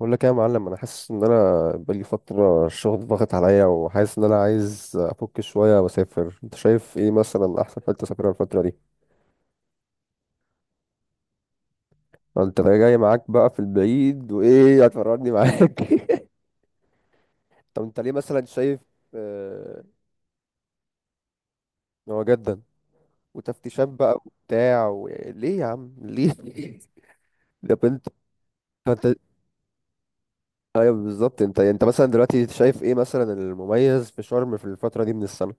بقول لك إيه يا معلم، انا حاسس ان انا بقالي فتره الشغل ضاغط عليا وحاسس ان انا عايز افك شويه واسافر. انت شايف ايه مثلا احسن حته اسافرها الفتره دي؟ انت جاي معاك بقى في البعيد وايه هتفرجني معاك؟ طب انت ليه مثلا شايف آه، إن هو جدا وتفتيشات بقى وبتاع و... ليه يا عم ليه؟ طب انت ايوه بالظبط انت مثلا دلوقتي شايف ايه مثلا المميز في شرم في الفتره دي من السنه؟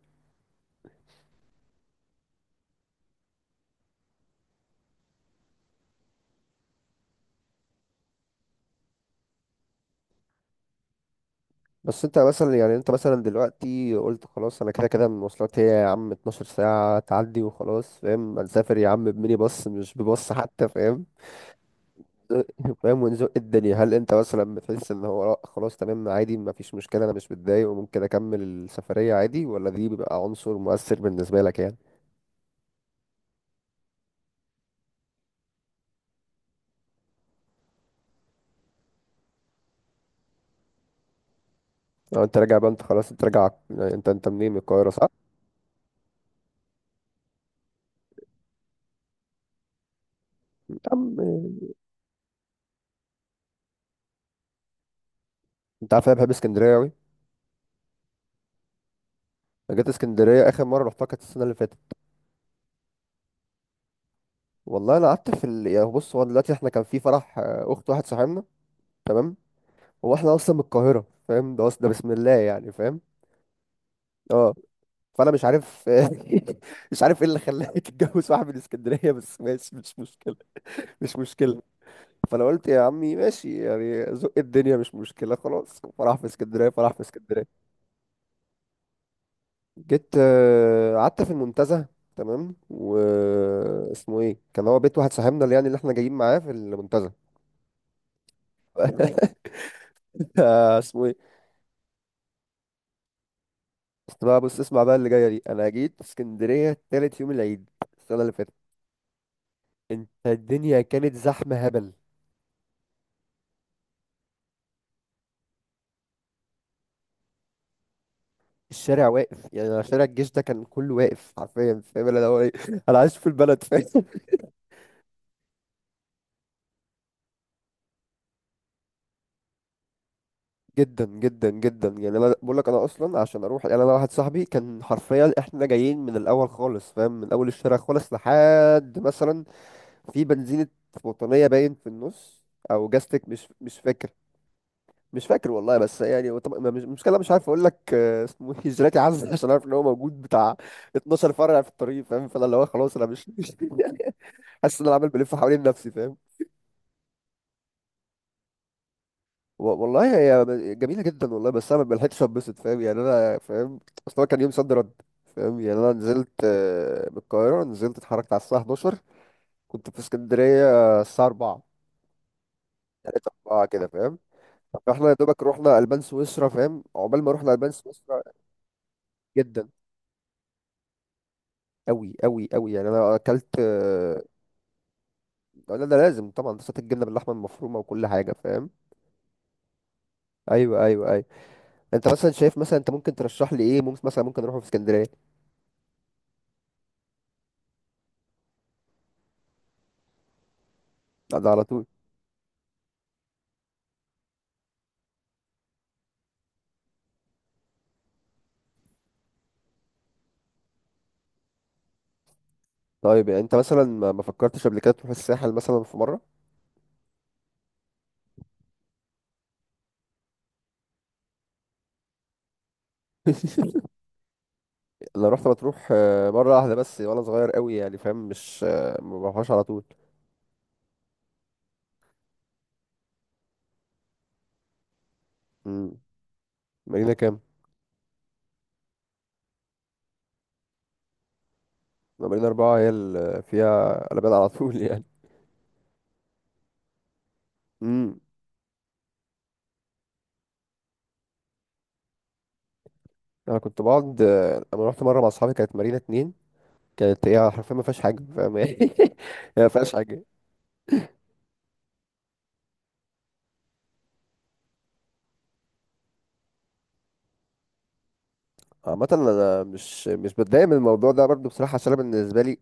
بس انت مثلا يعني انت مثلا دلوقتي قلت خلاص، انا كده كده المواصلات هي يا عم 12 ساعة تعدي وخلاص فاهم، هنسافر يا عم بميني باص مش بباص حتى فاهم. فاهم ونزق الدنيا. هل انت مثلا بتحس ان هو لأ خلاص تمام عادي ما فيش مشكلة، انا مش متضايق وممكن اكمل السفرية عادي، ولا دي بيبقى عنصر مؤثر بالنسبة لك يعني؟ لو انت راجع بقى، انت خلاص انت راجع يعني انت منين، من القاهرة صح؟ يا عم، انت عارف انا بحب اسكندرية اوي. انا جيت اسكندرية اخر مرة رحتها كانت السنة اللي فاتت. والله انا قعدت في ال... يعني بص، هو دلوقتي احنا كان في فرح اخت واحد صاحبنا. تمام. هو احنا اصلا من القاهره فاهم، ده اصلا ده بسم الله يعني فاهم. اه، فانا مش عارف مش عارف ايه اللي خلاني تتجوز واحد من اسكندريه، بس ماشي مش مشكله. مش مشكله. فانا قلت يا عمي ماشي، يعني زق الدنيا مش مشكله، خلاص فرح في اسكندريه فرح في اسكندريه. جيت قعدت في المنتزه تمام. و اسمه ايه كان هو بيت واحد صاحبنا اللي يعني اللي احنا جايين معاه في المنتزه. اسمه ايه؟ بس بقى بص اسمع بقى، اللي جايه دي انا جيت اسكندريه تالت يوم العيد السنه اللي فاتت. انت الدنيا كانت زحمه هبل. الشارع واقف، يعني أنا شارع الجيش ده كان كله واقف حرفيا فاهم اللي هو ايه انا عايش في البلد فاهم. جدا جدا جدا. يعني انا بقول لك انا اصلا عشان اروح، يعني انا واحد صاحبي كان حرفيا احنا جايين من الاول خالص فاهم، من اول الشارع خالص لحد مثلا في بنزينه وطنيه باين في النص او جاستك، مش فاكر. مش فاكر والله، بس يعني طب مش المشكله مش عارف اقول لك اسمه ايه جيلاتي عزة، عشان عارف ان هو موجود بتاع 12 فرع في الطريق فاهم، فانا اللي هو خلاص انا مش حاسس ان انا عمال بلف حوالين نفسي فاهم. والله هي جميله جدا والله، بس انا ما لحقتش اتبسط فاهم يعني انا فاهم. اصل هو كان يوم صد رد فاهم. يعني انا نزلت من القاهره، نزلت اتحركت على الساعه 11، كنت في اسكندريه الساعه 4، 3 4 كده فاهم. فاحنا يا دوبك رحنا البان سويسرا فاهم، عقبال ما رحنا البان سويسرا جدا قوي قوي قوي. يعني انا اكلت لا ده لازم طبعا، صوت الجبنه باللحمه المفرومه وكل حاجه فاهم. ايوه ايوه ايوه. انت مثلا شايف مثلا انت ممكن ترشح لي ايه؟ ممكن مثلا ممكن اروح في اسكندريه ده على طول؟ طيب يعني انت مثلا ما فكرتش قبل كده تروح الساحل مثلا في مره؟ انا رحت مطروح مره واحده بس وانا صغير قوي يعني فاهم، مش ما بروحهاش على طول. امم، مارينا كام؟ مارينا اربعه هي اللي فيها قلبان على طول يعني. امم، انا كنت بقعد انا رحت مره مع اصحابي كانت مارينا اتنين. كانت هي حرفيا ما فيهاش حاجه فاهم يعني هي ما فيهاش حاجه. عامة أنا مش بتضايق من الموضوع ده برضو بصراحة، عشان أنا بالنسبة لي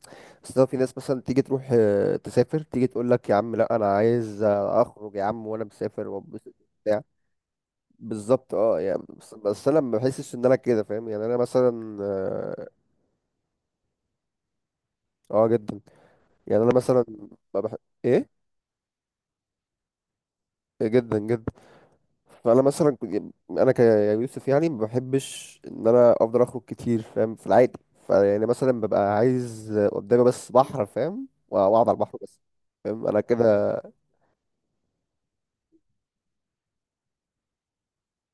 أصل في ناس مثلا تيجي تروح تسافر تيجي تقول لك يا عم لا، أنا عايز أخرج يا عم وأنا مسافر وأتبسط وبتاع بالظبط. أه يعني بس أنا ما بحسش إن أنا كده فاهم يعني أنا مثلا أه جدا. يعني أنا مثلا ما بح... إيه. إيه، جدا جدا. فانا مثلا انا كيوسف يعني ما بحبش ان انا افضل اخرج كتير فاهم في العادي. فيعني مثلا ببقى عايز قدامي بس بحر فاهم، واقعد على البحر بس فاهم انا كده.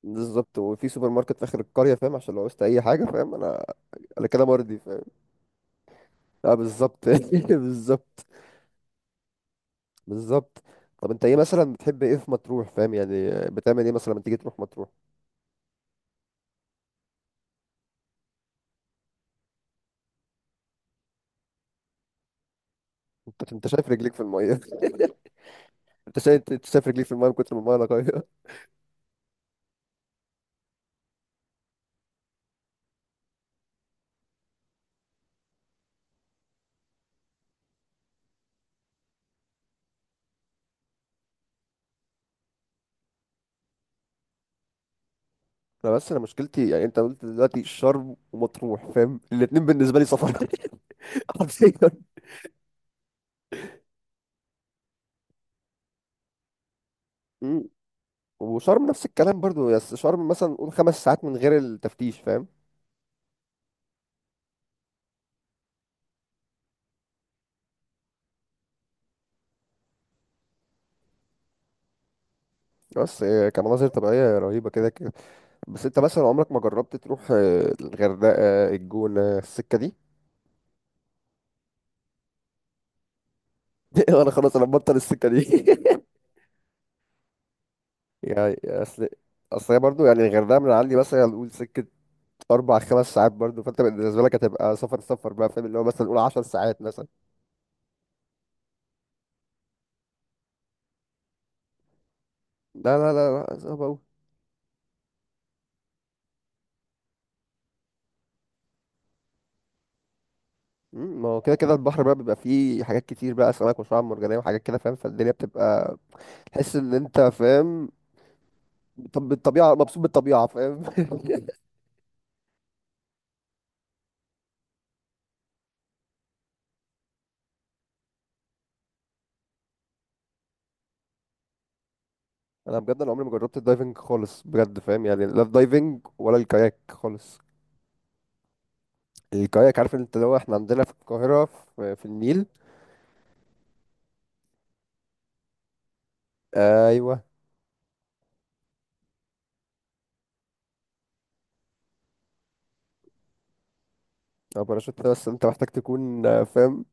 بالظبط، وفي سوبر ماركت في اخر القريه فاهم عشان لو عوزت اي حاجه فاهم انا انا كده مرضي فاهم. اه بالظبط بالظبط بالظبط. طب انت ايه مثلا بتحب ايه في مطروح فاهم يعني بتعمل ايه مثلا لما تيجي تروح مطروح؟ انت شايف رجليك في الميه؟ انت شايف انت شايف رجليك في الميه من كتر ما الميه نقيه. انا بس انا مشكلتي يعني انت قلت دلوقتي شرم ومطروح فاهم، الاتنين بالنسبه لي سفر حرفيا. مم. وشرم نفس الكلام برضو، بس شرم مثلا قول 5 ساعات من غير التفتيش فاهم. بس كمناظر طبيعيه رهيبه كده كده. بس انت مثلا عمرك ما جربت تروح الغردقه الجونه السكه دي؟ انا خلاص انا مبطل السكه دي. يعني اصل، اصل هي برضو يعني الغردقه من عندي مثلا نقول سكه اربع خمس ساعات برضو، فانت بالنسبه لك هتبقى سفر سفر بقى فاهم، اللي هو مثلا نقول 10 ساعات مثلا. لا لا لا لا صعب أوي. مم، ما هو كده كده البحر بقى بيبقى فيه حاجات كتير بقى أسماك وشعاب مرجانية وحاجات كده فاهم، فالدنيا بتبقى تحس إن أنت فاهم. طب بالطبيعة مبسوط بالطبيعة فاهم. أنا بجد أنا عمري ما جربت الدايفنج خالص بجد فاهم يعني، لا الدايفنج ولا الكاياك خالص. الكاياك، عارف أنت لو إحنا عندنا في القاهرة في النيل. أيوه. أو باراشوت ده، بس أنت محتاج تكون فاهم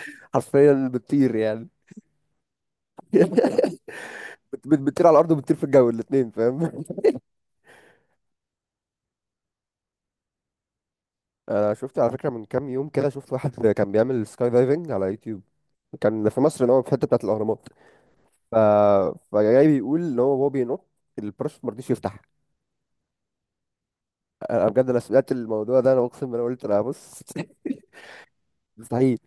حرفيا بتطير يعني. بت- بتطير على الأرض وبتطير في الجو الاتنين فاهم. انا شفت على فكره من كام يوم كده شفت واحد كان بيعمل سكاي دايفنج على يوتيوب كان في مصر اللي هو في الحته بتاعه الاهرامات. ف فجاي بيقول ان هو وهو بينط، الباراشوت ما رضيش يفتح. انا بجد انا سمعت الموضوع ده انا اقسم بالله قلت انا بص مستحيل.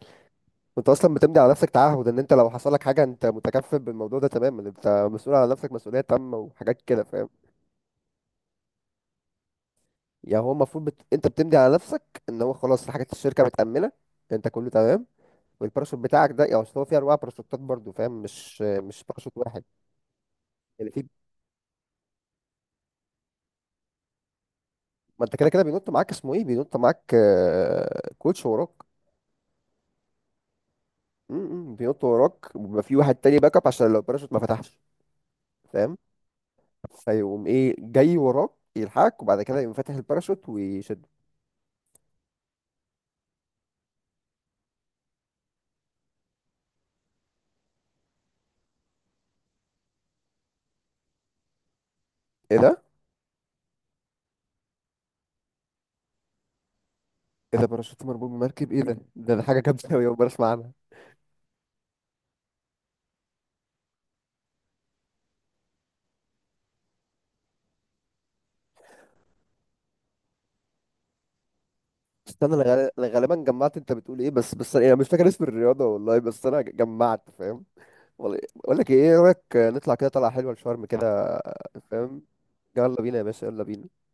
انت اصلا بتمضي على نفسك تعهد ان انت لو حصل لك حاجه انت متكفل بالموضوع ده تماما، انت مسؤول على نفسك مسؤوليه تامه وحاجات كده فاهم. يعني هو المفروض بت... انت بتمضي على نفسك ان هو خلاص حاجات الشركه متامنه، انت كله تمام. والباراشوت بتاعك ده يعني أصل هو فيه انواع باراشوتات برضو فاهم مش باراشوت واحد. يعني في، ما انت كده كده بينط معاك اسمه ايه بينط معاك كوتش وراك. م- م، بينط وراك وبيبقى في واحد تاني باك اب عشان لو الباراشوت ما فتحش فاهم، فيقوم ايه جاي وراك يلحقك وبعد كده يقوم فاتح الباراشوت ويشد. ايه ده، ايه ده باراشوت مربوط بمركب، ايه ده ده حاجه جامده قوي، اول مره اسمع عنها. استنى، أنا غالبا جمعت انت بتقول ايه، بس بس انا أنا مش فاكر اسم الرياضه والله، بس انا جمعت فاهم. والله بقول لك ايه، إيه رايك نطلع كده طلعه حلوه لشرم كده فاهم؟ يلا بينا يا باشا، يلا بينا.